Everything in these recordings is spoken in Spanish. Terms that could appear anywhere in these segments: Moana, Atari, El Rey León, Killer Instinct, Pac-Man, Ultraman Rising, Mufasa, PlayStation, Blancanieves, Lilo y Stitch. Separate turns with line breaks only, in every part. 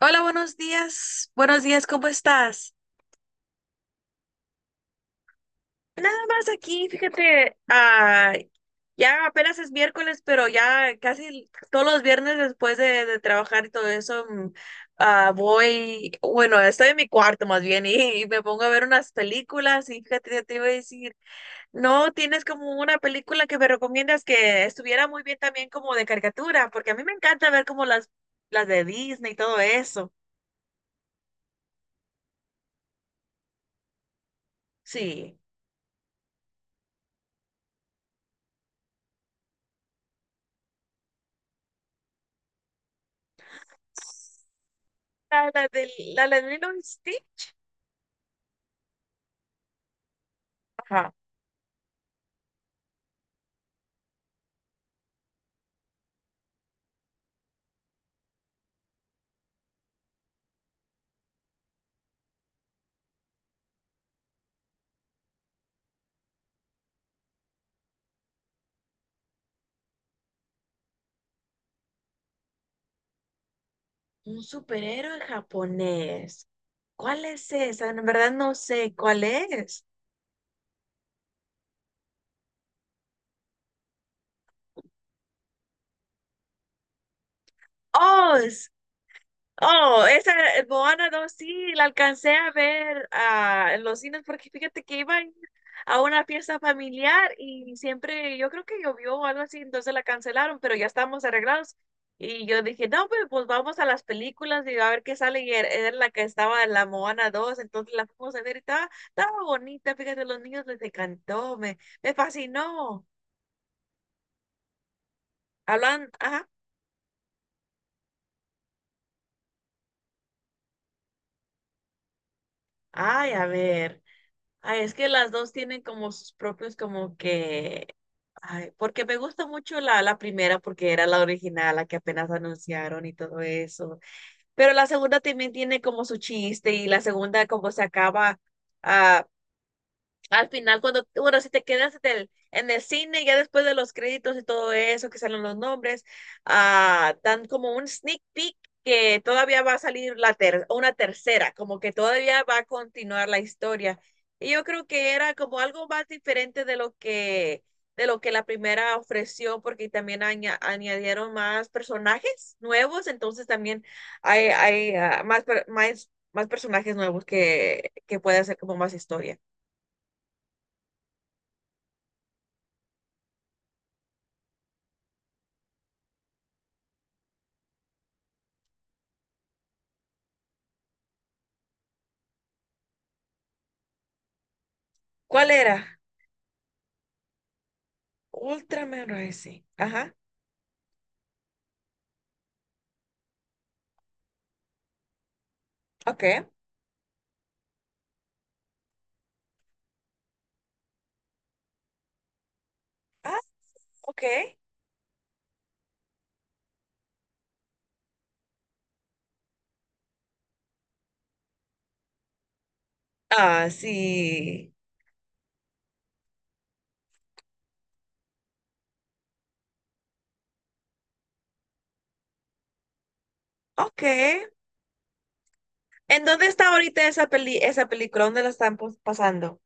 Hola, buenos días. Buenos días, ¿cómo estás? Nada más aquí, fíjate, ya apenas es miércoles, pero ya casi todos los viernes después de trabajar y todo eso, voy, bueno, estoy en mi cuarto más bien y me pongo a ver unas películas y fíjate, ya te iba a decir, no, tienes como una película que me recomiendas que estuviera muy bien también como de caricatura, porque a mí me encanta ver como las de Disney y todo eso. Sí. La de Lilo y Stitch. Ajá. Un superhéroe japonés. ¿Cuál es esa? En verdad no sé cuál es. Oh, Oh, esa Moana dos sí, la alcancé a ver en los cines porque fíjate que iba a ir a una fiesta familiar y siempre, yo creo que llovió o algo así, entonces la cancelaron, pero ya estábamos arreglados. Y yo dije, no, pues vamos a las películas y a ver qué sale. Y era la que estaba en la Moana dos, entonces la fuimos a ver y estaba bonita, fíjate, los niños les encantó, me fascinó. Hablan, ajá, ay, a ver. Ay, es que las dos tienen como sus propios, como que, ay, porque me gusta mucho la primera porque era la original, la que apenas anunciaron y todo eso, pero la segunda también tiene como su chiste y la segunda como se acaba, ah, al final, cuando, bueno, si te quedas en en el cine, ya después de los créditos y todo eso, que salen los nombres, dan como un sneak peek que todavía va a salir la tercera, como que todavía va a continuar la historia. Y yo creo que era como algo más diferente de de lo que la primera ofreció, porque también añadieron más personajes nuevos, entonces también hay más personajes nuevos que puede hacer como más historia. ¿Cuál era? Ultraman Rising. Ajá. Ok. Ah, ok. Ah, sí. Ok. ¿En dónde está ahorita esa esa película? ¿Dónde la están pasando?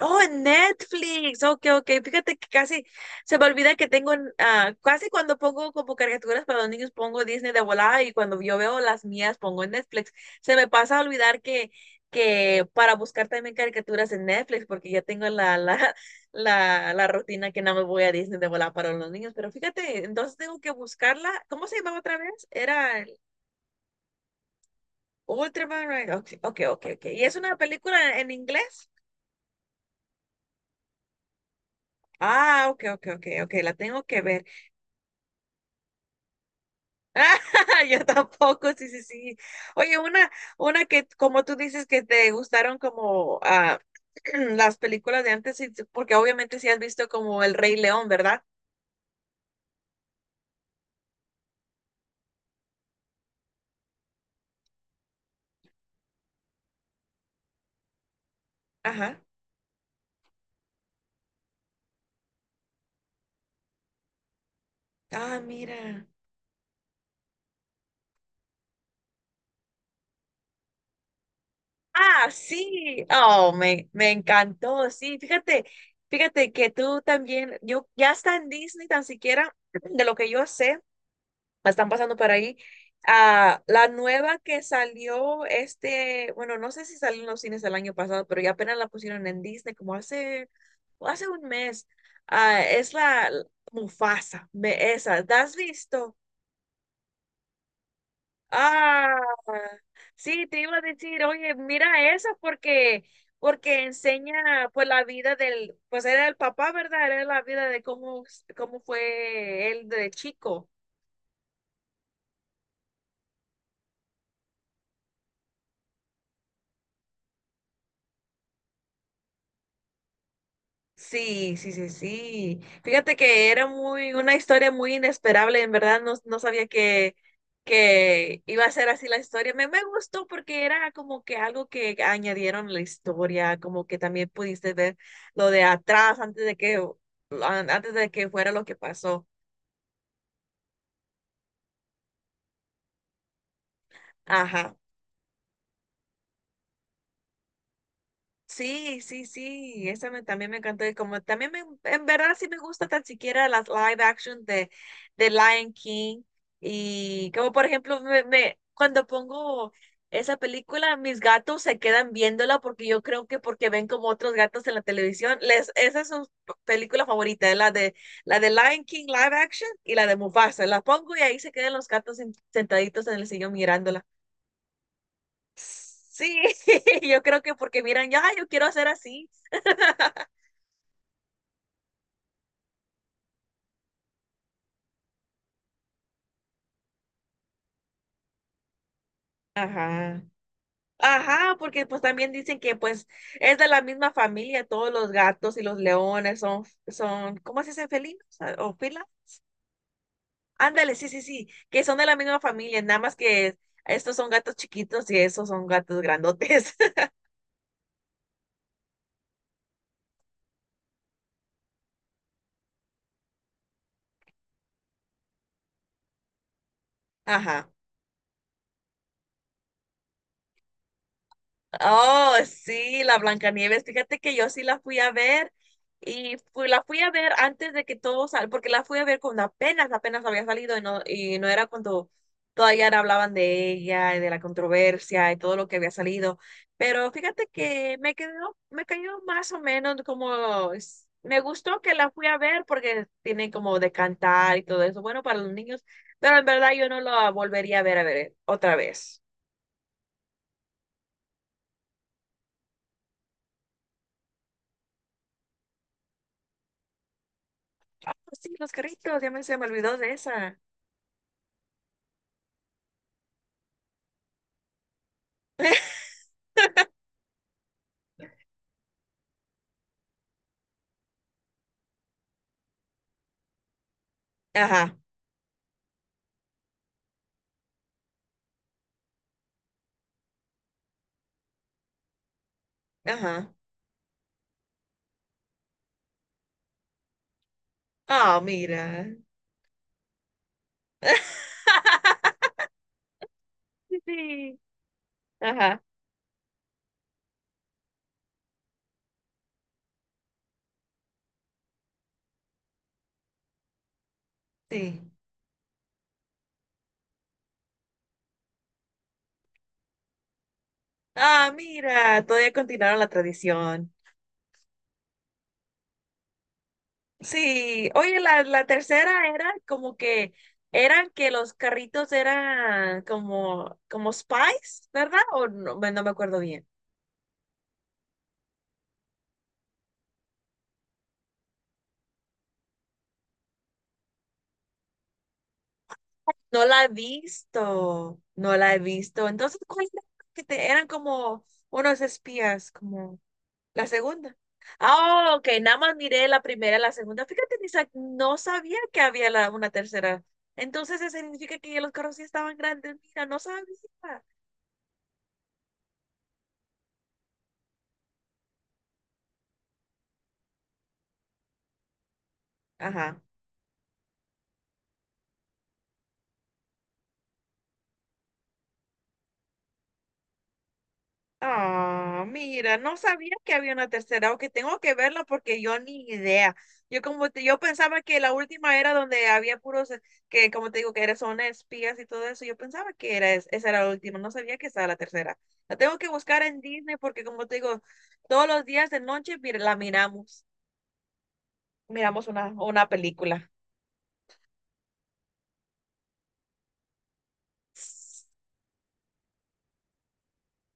Oh, en Netflix. Ok, ok. Fíjate que casi se me olvida que tengo, casi cuando pongo como caricaturas para los niños, pongo Disney de volada y cuando yo veo las mías, pongo en Netflix. Se me pasa a olvidar que para buscar también caricaturas en Netflix, porque ya tengo la, la rutina que no me voy a Disney de volada para los niños. Pero fíjate, entonces tengo que buscarla. ¿Cómo se llamaba otra vez? Era el Ultraman, right? Ok, ok, ok, ok. ¿Y es una película en inglés? Ah, ok, ok, ok, ok. La tengo que ver. Ah, yo tampoco, sí, sí, sí. Oye, una que, como tú dices, que te gustaron como las películas de antes, porque obviamente sí has visto como El Rey León, ¿verdad? Ajá. Ah, mira. Ah, sí. Oh, me encantó, sí. Fíjate, fíjate que tú también, yo ya está en Disney tan siquiera, de lo que yo sé. La están pasando por ahí. Ah, la nueva que salió este, bueno, no sé si salió en los cines el año pasado, pero ya apenas la pusieron en Disney como hace un mes. Ah, es la Mufasa, ve esa, ¿la has visto? Ah, sí, te iba a decir, oye, mira esa porque enseña pues la vida del, pues era el papá, ¿verdad? Era la vida de cómo fue él de chico. Sí, sí, sí, sí. Fíjate que era muy, una historia muy inesperable, en verdad no sabía que iba a ser así la historia. Me gustó porque era como que algo que añadieron a la historia, como que también pudiste ver lo de atrás antes de antes de que fuera lo que pasó. Ajá. Sí, sí, sí, esa también me encantó y como también me, en verdad sí me gusta tan siquiera las live action de Lion King y como por ejemplo cuando pongo esa película mis gatos se quedan viéndola porque yo creo que porque ven como otros gatos en la televisión, les, esa es su película favorita, la de Lion King live action y la de Mufasa, la pongo y ahí se quedan los gatos sentaditos en el sillón mirándola. Sí, yo creo que porque miran, ya, yo quiero hacer así. Ajá. Ajá, porque pues también dicen que pues es de la misma familia, todos los gatos y los leones son, ¿cómo se dice? ¿Felinos? Ah, ¿o fila? Ándale, sí, sí, sí, que son de la misma familia, nada más que estos son gatos chiquitos y esos son gatos grandotes. Ajá. Oh, sí, la Blancanieves. Fíjate que yo sí la fui a ver la fui a ver antes de que todo sal, porque la fui a ver cuando apenas había salido y y no era cuando todavía no hablaban de ella y de la controversia y todo lo que había salido. Pero fíjate que me me cayó más o menos como, me gustó que la fui a ver porque tiene como de cantar y todo eso, bueno, para los niños, pero en verdad yo no la volvería a ver, otra vez. Ah, pues sí, los carritos, ya me se me olvidó de esa. Ajá, ajá. Ah, mira. Sí, sí. Ajá, sí. Ah, mira, todavía continuaron la tradición. Sí, oye, la tercera era como que eran que los carritos eran como, como spies, ¿verdad? O no, no me acuerdo bien. No la he visto, no la he visto. Entonces, ¿cuál era? Que te, eran como unos espías, como. La segunda. Ah, ok, nada más miré la primera, la segunda. Fíjate, ni sa- no sabía que había una tercera. Entonces, eso significa que ya los carros sí estaban grandes. Mira, no sabía. Ajá. Ah, mira, no sabía que había una tercera, o que tengo que verla porque yo ni idea. Yo como yo pensaba que la última era donde había puros que como te digo que eran son espías y todo eso. Yo pensaba que era esa era la última, no sabía que estaba la tercera. La tengo que buscar en Disney porque como te digo, todos los días de noche mira, la miramos, miramos una película.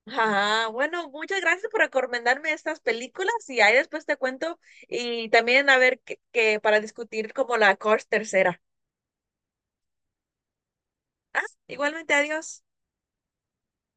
Ajá, bueno, muchas gracias por recomendarme estas películas y ahí después te cuento y también a ver que para discutir como la Cors tercera. Ah, igualmente, adiós.